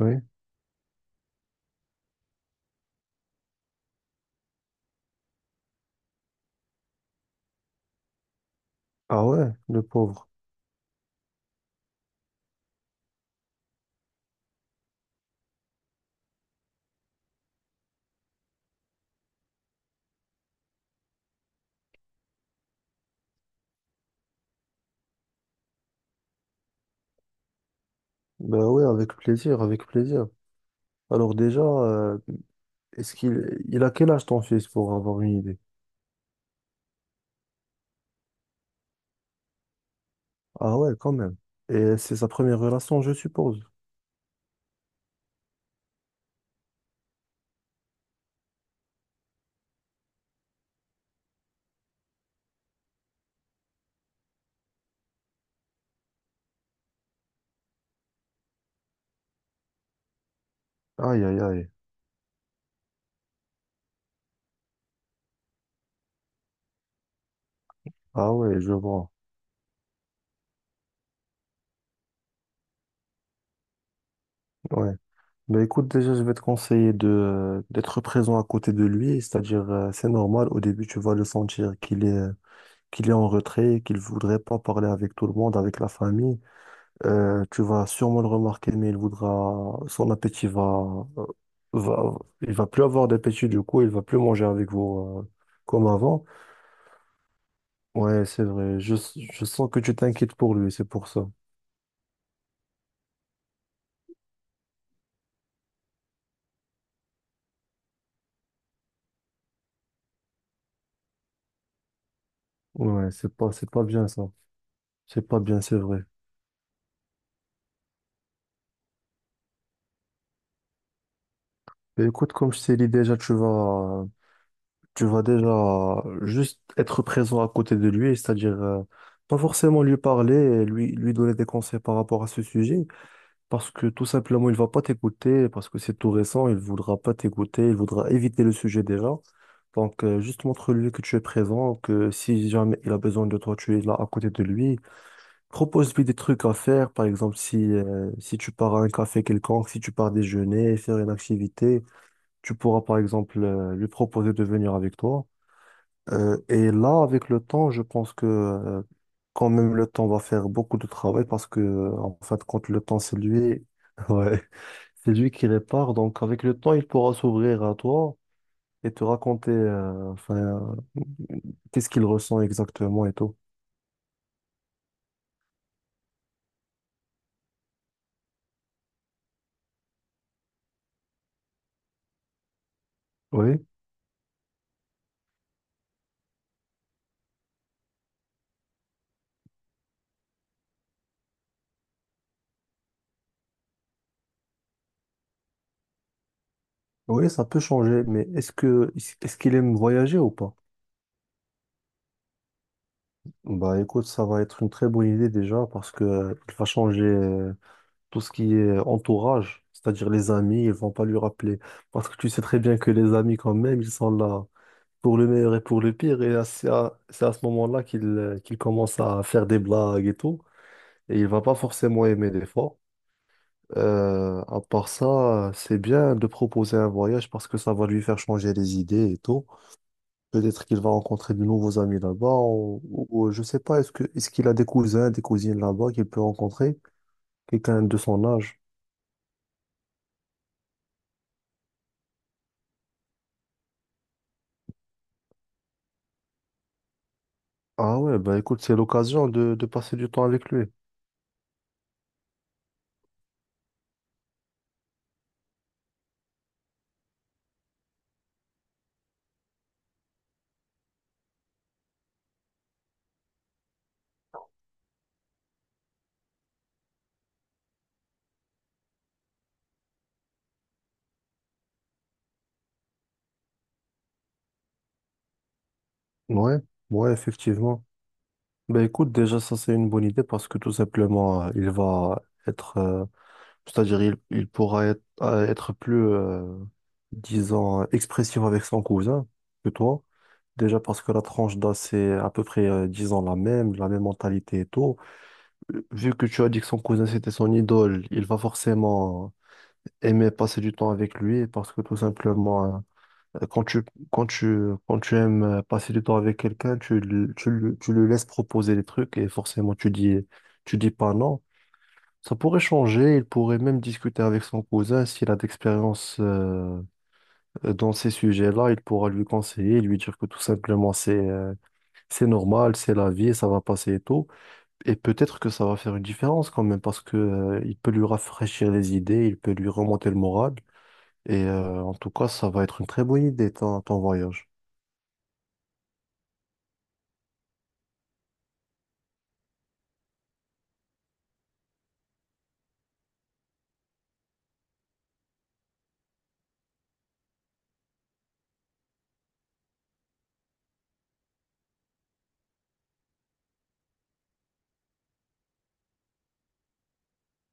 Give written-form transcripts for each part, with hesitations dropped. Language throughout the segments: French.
Oui. Ah ouais, le pauvre. Ben ouais, avec plaisir, avec plaisir. Alors déjà, est-ce qu'il il a quel âge ton fils pour avoir une idée? Ah ouais, quand même. Et c'est sa première relation, je suppose. Aïe, aïe, aïe. Ah ouais, je vois. Ouais. Ben écoute, déjà, je vais te conseiller de d'être présent à côté de lui, c'est-à-dire, c'est normal, au début, tu vas le sentir qu'il est en retrait, qu'il voudrait pas parler avec tout le monde, avec la famille. Tu vas sûrement le remarquer, mais il voudra, son appétit va, va, il va plus avoir d'appétit du coup, il va plus manger avec vous comme avant. Ouais, c'est vrai. Je sens que tu t'inquiètes pour lui, c'est pour ça. Ouais, c'est pas bien ça. C'est pas bien, c'est vrai. Mais écoute, comme je t'ai dit déjà, tu vas déjà juste être présent à côté de lui, c'est-à-dire pas forcément lui parler, et lui donner des conseils par rapport à ce sujet, parce que tout simplement, il va pas t'écouter, parce que c'est tout récent, il voudra pas t'écouter, il voudra éviter le sujet déjà. Donc, juste montre-lui que tu es présent, que si jamais il a besoin de toi, tu es là à côté de lui. Propose-lui des trucs à faire, par exemple, si, si tu pars à un café quelconque, si tu pars déjeuner, faire une activité, tu pourras, par exemple, lui proposer de venir avec toi. Et là, avec le temps, je pense que, quand même, le temps va faire beaucoup de travail parce que, en fin de compte, le temps, c'est lui. Ouais. C'est lui qui répare, donc avec le temps, il pourra s'ouvrir à toi et te raconter enfin, qu'est-ce qu'il ressent exactement et tout. Oui, oui, ça peut changer, mais est-ce que est-ce qu'il aime voyager ou pas? Bah écoute, ça va être une très bonne idée déjà parce que il va changer tout ce qui est entourage, c'est-à-dire les amis, ils vont pas lui rappeler. Parce que tu sais très bien que les amis quand même, ils sont là pour le meilleur et pour le pire, et c'est c'est à ce moment-là qu'il qu'il commence à faire des blagues et tout. Et il va pas forcément aimer l'effort. À part ça, c'est bien de proposer un voyage parce que ça va lui faire changer les idées et tout. Peut-être qu'il va rencontrer de nouveaux amis là-bas ou je sais pas, est-ce que est-ce qu'il a des cousins, des cousines là-bas qu'il peut rencontrer, quelqu'un de son âge? Ah ouais, bah écoute, c'est l'occasion de passer du temps avec lui. Ouais, ouais, effectivement. Bah écoute, déjà ça c'est une bonne idée parce que tout simplement, il va être c'est-à-dire, il pourra être, être plus, disons, expressif avec son cousin que toi. Déjà parce que la tranche d'âge, c'est à peu près, disons, la même mentalité et tout. Vu que tu as dit que son cousin, c'était son idole, il va forcément aimer passer du temps avec lui parce que tout simplement, euh, quand tu, quand tu, quand tu aimes passer du temps avec quelqu'un, tu le laisses proposer des trucs et forcément, tu dis pas non. Ça pourrait changer, il pourrait même discuter avec son cousin s'il a d'expérience dans ces sujets-là, il pourra lui conseiller, lui dire que tout simplement c'est normal, c'est la vie, ça va passer et tout. Et peut-être que ça va faire une différence quand même parce que il peut lui rafraîchir les idées, il peut lui remonter le moral. Et en tout cas, ça va être une très bonne idée ton voyage.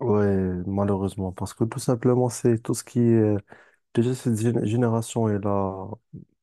Ouais, malheureusement, parce que tout simplement c'est tout ce qui est déjà cette génération est là,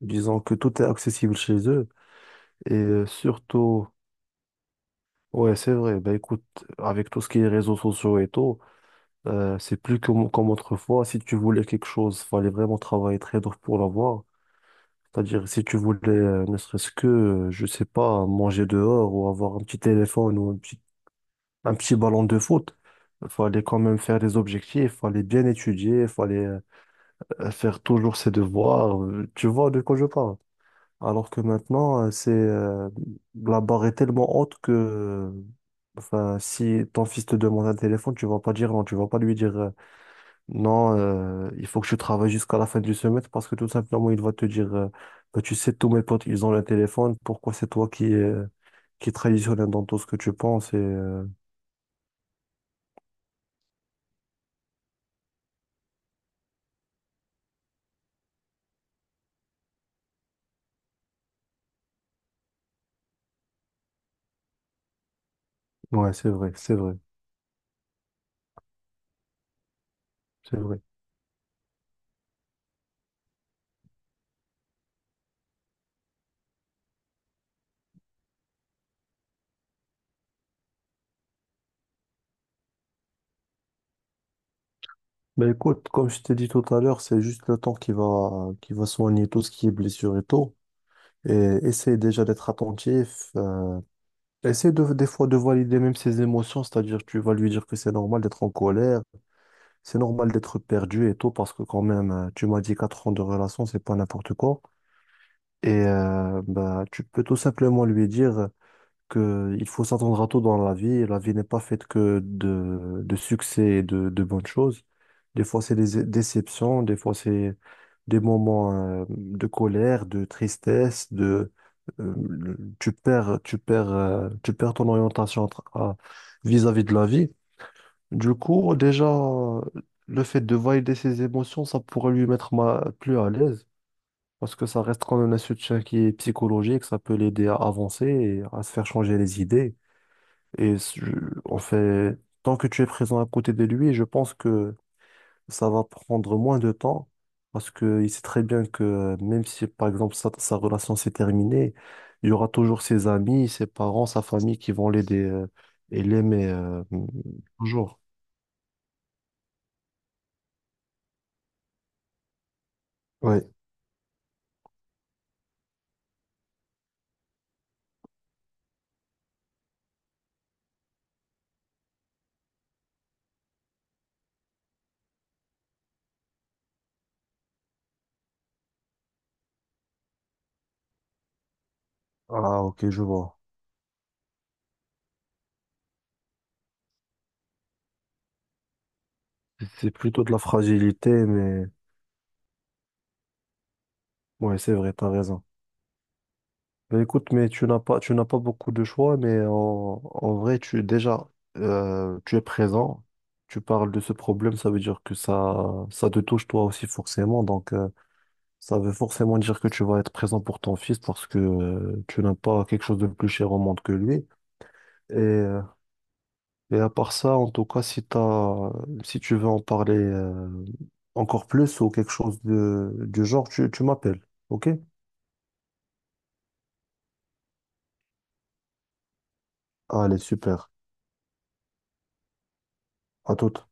disons que tout est accessible chez eux. Et ouais, c'est vrai. Bah écoute, avec tout ce qui est réseaux sociaux et tout, c'est plus comme autrefois. Si tu voulais quelque chose, fallait vraiment travailler très dur pour l'avoir. C'est-à-dire, si tu voulais, ne serait-ce que, je sais pas, manger dehors ou avoir un petit téléphone ou un un petit ballon de foot, fallait quand même faire des objectifs, fallait bien étudier, fallait faire toujours ses devoirs. Tu vois de quoi je parle? Alors que maintenant, c'est la barre est tellement haute que enfin, si ton fils te demande un téléphone, tu vas pas dire non, tu vas pas lui dire non, il faut que tu travailles jusqu'à la fin du semestre parce que tout simplement, il va te dire bah, tu sais, tous mes potes, ils ont le téléphone, pourquoi c'est toi qui es traditionnel dans tout ce que tu penses? Ouais, c'est vrai. Mais écoute, comme je t'ai dit tout à l'heure, c'est juste le temps qui va soigner tout ce qui est blessure et tout. Et essaye déjà d'être attentif. Essaie des fois de valider même ses émotions, c'est-à-dire tu vas lui dire que c'est normal d'être en colère, c'est normal d'être perdu et tout, parce que quand même, tu m'as dit 4 ans de relation, c'est pas n'importe quoi. Bah, tu peux tout simplement lui dire que il faut s'attendre à tout dans la vie. La vie n'est pas faite que de succès et de bonnes choses. Des fois, c'est des déceptions, des fois, c'est des moments de colère, de tristesse, de tu perds, tu perds ton orientation vis-à-vis de la vie. Du coup, déjà, le fait de valider ses émotions, ça pourrait lui mettre plus à l'aise. Parce que ça reste quand même un soutien qui est psychologique, ça peut l'aider à avancer et à se faire changer les idées. Et s- je- en fait, Tant que tu es présent à côté de lui, je pense que ça va prendre moins de temps parce qu'il sait très bien que même si, par exemple, sa relation s'est terminée, il y aura toujours ses amis, ses parents, sa famille qui vont l'aider et l'aimer toujours. Oui. Ah, ok, je vois. C'est plutôt de la fragilité, mais ouais, c'est vrai, t'as raison. Ben écoute, mais tu n'as pas beaucoup de choix, mais en vrai, tu déjà, tu es présent, tu parles de ce problème, ça veut dire que ça te touche toi aussi forcément, donc ça veut forcément dire que tu vas être présent pour ton fils parce que tu n'as pas quelque chose de plus cher au monde que lui. Et, euh, et à part ça, en tout cas, si t'as, si tu veux en parler encore plus ou quelque chose du genre, tu m'appelles, ok? Allez, super, à toute.